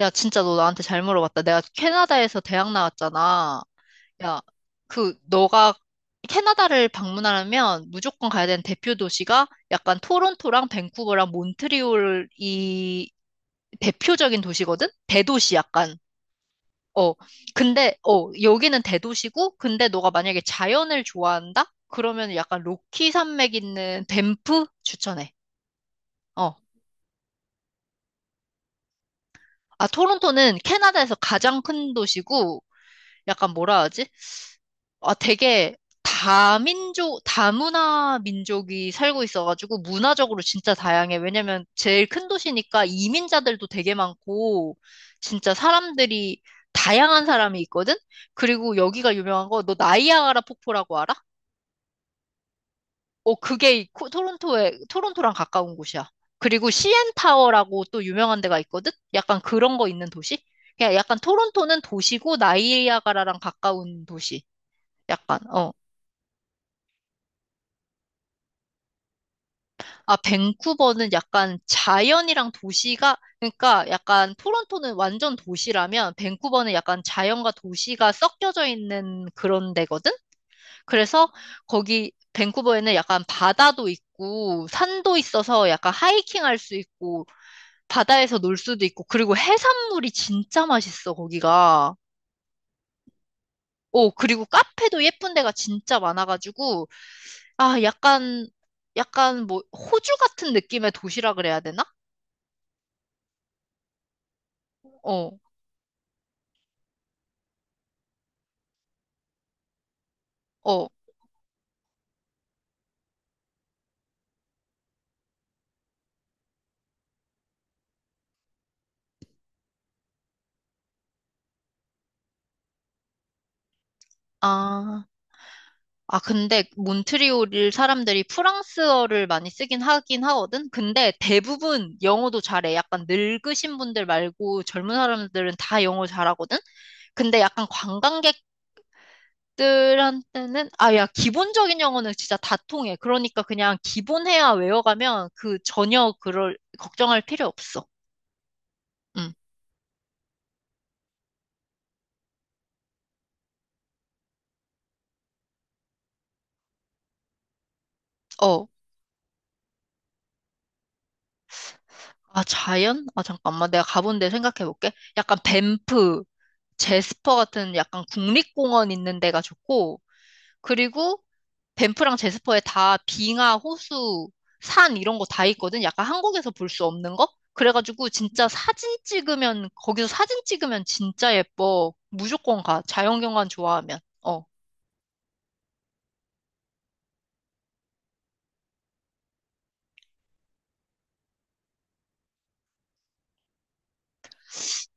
야, 진짜 너 나한테 잘 물어봤다. 내가 캐나다에서 대학 나왔잖아. 야, 너가 캐나다를 방문하려면 무조건 가야 되는 대표 도시가 약간 토론토랑 밴쿠버랑 몬트리올이 대표적인 도시거든? 대도시 약간. 어, 근데, 어, 여기는 대도시고, 근데 너가 만약에 자연을 좋아한다? 그러면 약간 로키 산맥 있는 밴프 추천해. 어. 아, 토론토는 캐나다에서 가장 큰 도시고, 약간 뭐라 하지? 아, 되게 다민족, 다문화 민족이 살고 있어가지고 문화적으로 진짜 다양해. 왜냐면 제일 큰 도시니까 이민자들도 되게 많고 진짜 사람들이 다양한 사람이 있거든? 그리고 여기가 유명한 거 너 나이아가라 폭포라고 알아? 어, 그게 토론토랑 가까운 곳이야. 그리고 시엔타워라고 또 유명한 데가 있거든? 약간 그런 거 있는 도시? 그냥 약간 토론토는 도시고 나이아가라랑 가까운 도시. 약간, 어. 아, 밴쿠버는 약간 자연이랑 도시가, 그러니까 약간 토론토는 완전 도시라면 밴쿠버는 약간 자연과 도시가 섞여져 있는 그런 데거든? 그래서 거기 밴쿠버에는 약간 바다도 있고 산도 있어서 약간 하이킹 할 수 있고 바다에서 놀 수도 있고 그리고 해산물이 진짜 맛있어, 거기가. 오, 그리고 카페도 예쁜 데가 진짜 많아가지고, 아, 약간 뭐 호주 같은 느낌의 도시라 그래야 되나? 어. 어, 아, 아, 근데 몬트리올 사람들이 프랑스어를 많이 쓰긴 하긴 하거든? 근데 대부분 영어도 잘해. 약간 늙으신 분들 말고 젊은 사람들은 다 영어 잘하거든? 근데 약간 관광객들한테는, 아, 야, 기본적인 영어는 진짜 다 통해. 그러니까 그냥 기본해야 외워가면 그 전혀 그럴, 걱정할 필요 없어. 응, 어. 아, 자연? 아, 잠깐만. 내가 가본 데 생각해 볼게. 약간 밴프, 제스퍼 같은 약간 국립공원 있는 데가 좋고, 그리고 밴프랑 제스퍼에 다 빙하, 호수, 산 이런 거 다 있거든. 약간 한국에서 볼 수 없는 거? 그래가지고 진짜 거기서 사진 찍으면 진짜 예뻐. 무조건 가. 자연경관 좋아하면. 어.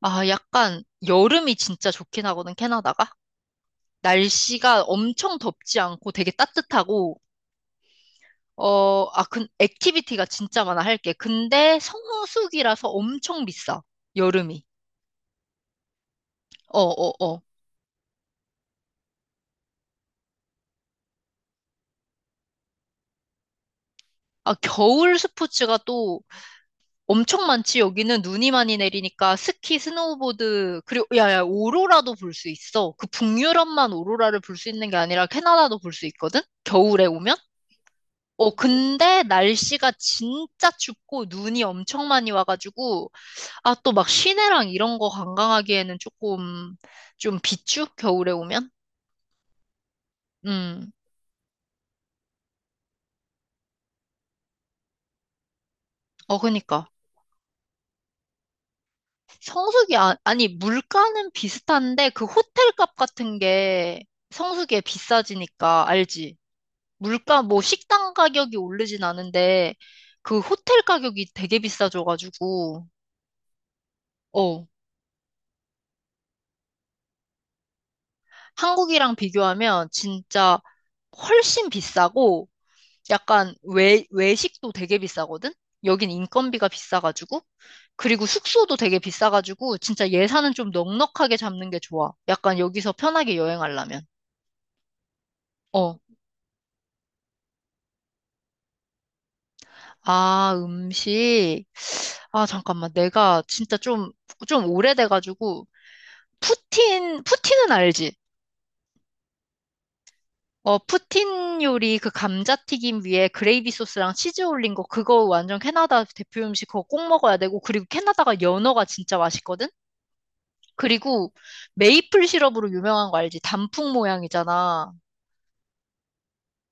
아, 약간 여름이 진짜 좋긴 하거든, 캐나다가. 날씨가 엄청 덥지 않고 되게 따뜻하고, 어, 아, 근 액티비티가 진짜 많아, 할 게. 근데 성수기라서 엄청 비싸, 여름이. 어, 어, 어. 아, 겨울 스포츠가 또 엄청 많지. 여기는 눈이 많이 내리니까 스키, 스노우보드, 그리고, 야, 야, 오로라도 볼 수 있어. 그 북유럽만 오로라를 볼 수 있는 게 아니라 캐나다도 볼 수 있거든? 겨울에 오면? 어, 근데 날씨가 진짜 춥고 눈이 엄청 많이 와가지고, 아, 또 막 시내랑 이런 거 관광하기에는 조금 좀 비추? 겨울에 오면? 음. 어, 그니까. 아, 아니, 물가는 비슷한데, 그 호텔 값 같은 게 성수기에 비싸지니까, 알지? 물가, 뭐, 식당 가격이 오르진 않은데, 그 호텔 가격이 되게 비싸져가지고, 어, 한국이랑 비교하면 진짜 훨씬 비싸고, 약간 외, 외식도 되게 비싸거든? 여긴 인건비가 비싸가지고, 그리고 숙소도 되게 비싸가지고 진짜 예산은 좀 넉넉하게 잡는 게 좋아. 약간 여기서 편하게 여행하려면. 어. 아, 음식. 아, 잠깐만. 내가 진짜 좀 오래돼가지고, 푸틴은 알지? 어, 푸틴 요리 그 감자튀김 위에 그레이비 소스랑 치즈 올린 거, 그거 완전 캐나다 대표 음식 그거 꼭 먹어야 되고, 그리고 캐나다가 연어가 진짜 맛있거든? 그리고 메이플 시럽으로 유명한 거 알지? 단풍 모양이잖아.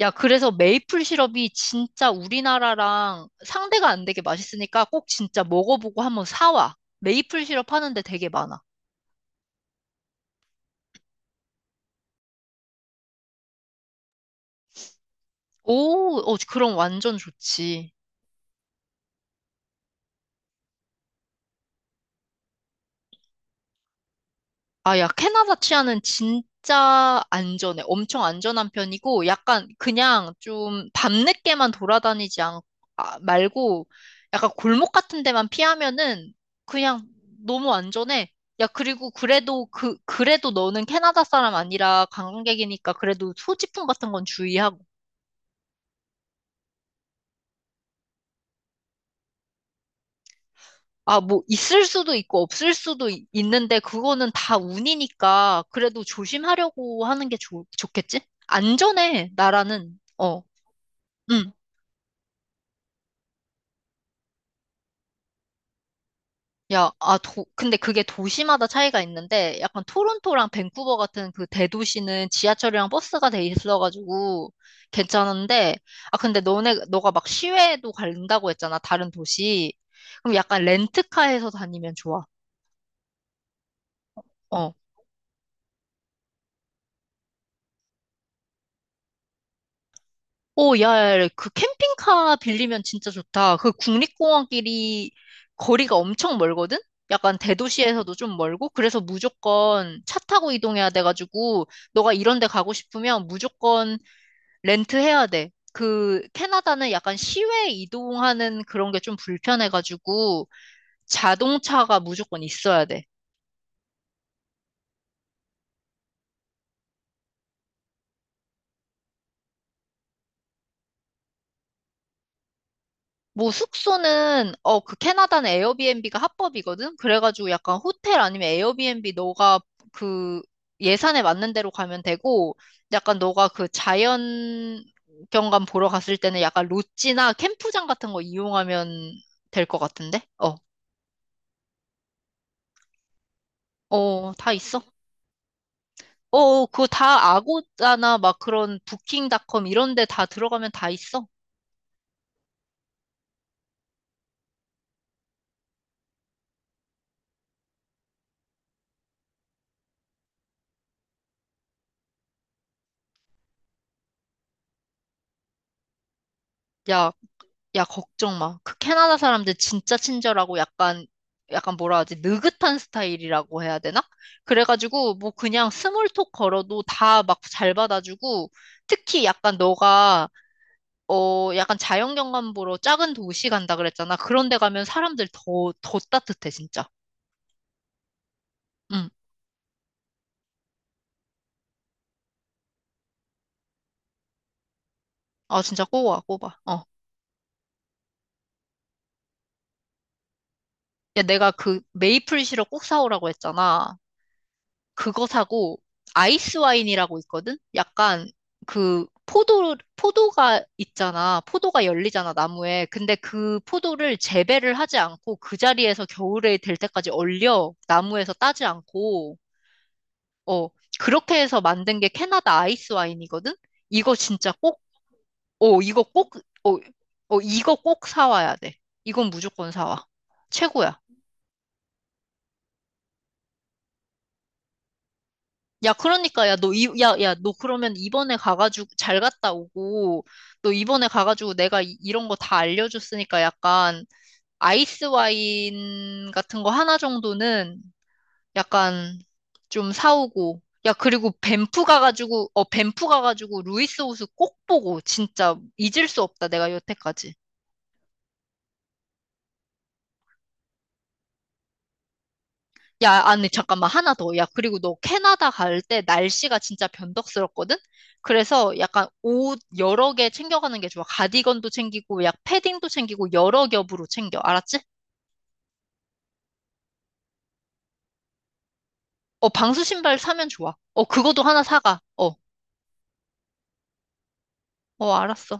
야, 그래서 메이플 시럽이 진짜 우리나라랑 상대가 안 되게 맛있으니까 꼭 진짜 먹어보고 한번 사와. 메이플 시럽 하는데 되게 많아. 오, 어, 그럼 완전 좋지. 아, 야, 캐나다 치아는 진짜 안전해. 엄청 안전한 편이고, 약간 그냥 좀 밤늦게만 돌아다니지 말고, 약간 골목 같은 데만 피하면은 그냥 너무 안전해. 야, 그리고 그래도 너는 캐나다 사람 아니라 관광객이니까 그래도 소지품 같은 건 주의하고. 아, 뭐, 있을 수도 있고 없을 수도 있는데 그거는 다 운이니까 그래도 조심하려고 하는 게 좋겠지? 안전해, 나라는. 어. 응. 야, 근데 그게 도시마다 차이가 있는데, 약간 토론토랑 밴쿠버 같은 그 대도시는 지하철이랑 버스가 돼 있어가지고 괜찮은데, 아, 근데 너가 막 시외도 간다고 했잖아, 다른 도시. 그럼 약간 렌트카에서 다니면 좋아. 어. 오, 야, 야, 그 캠핑카 빌리면 진짜 좋다. 그 국립공원끼리 거리가 엄청 멀거든? 약간 대도시에서도 좀 멀고, 그래서 무조건 차 타고 이동해야 돼가지고, 너가 이런 데 가고 싶으면 무조건 렌트해야 돼. 캐나다는 약간 시외 이동하는 그런 게 좀 불편해가지고, 자동차가 무조건 있어야 돼. 뭐 숙소는 캐나다는 에어비앤비가 합법이거든. 그래가지고 약간 호텔 아니면 에어비앤비 너가 그 예산에 맞는 대로 가면 되고 약간 너가 그 자연 경관 보러 갔을 때는 약간 롯지나 캠프장 같은 거 이용하면 될 것 같은데? 어. 어, 다 있어. 어, 어, 그거 다 아고다나 막 그런 부킹닷컴 이런 데 다 들어가면 다 있어. 야, 야, 걱정 마. 그 캐나다 사람들 진짜 친절하고 약간 뭐라 하지? 느긋한 스타일이라고 해야 되나? 그래가지고, 뭐 그냥 스몰톡 걸어도 다 막 잘 받아주고, 특히 약간 너가, 어, 약간 자연경관 보러 작은 도시 간다 그랬잖아. 그런 데 가면 사람들 더, 더 따뜻해, 진짜. 응. 아, 진짜 꼭 와, 꼭 와. 어. 야, 내가 그 메이플 시럽 꼭 사오라고 했잖아. 그거 사고 아이스 와인이라고 있거든? 약간 그 포도가 있잖아. 포도가 열리잖아, 나무에. 근데 그 포도를 재배를 하지 않고 그 자리에서 겨울에 될 때까지 얼려. 나무에서 따지 않고 어, 그렇게 해서 만든 게 캐나다 아이스 와인이거든? 이거 진짜 꼭 어, 이거 꼭 어, 어, 이거 꼭 사와야 돼. 이건 무조건 사와. 최고야. 야, 그러니까, 야, 너, 야, 야, 너 그러면 이번에 가가지고 잘 갔다 오고, 너 이번에 가가지고 내가 이, 런 거 다 알려줬으니까 약간 아이스 와인 같은 거 하나 정도는 약간 좀 사오고, 야, 그리고 밴프 가가지고 루이스 호수 꼭 보고, 진짜 잊을 수 없다, 내가 여태까지. 야, 아니, 잠깐만, 하나 더. 야, 그리고 너 캐나다 갈 때 날씨가 진짜 변덕스럽거든? 그래서 약간 옷 여러 개 챙겨가는 게 좋아. 가디건도 챙기고, 약 패딩도 챙기고, 여러 겹으로 챙겨. 알았지? 어, 방수 신발 사면 좋아. 어, 그것도 하나 사가. 어, 어, 알았어.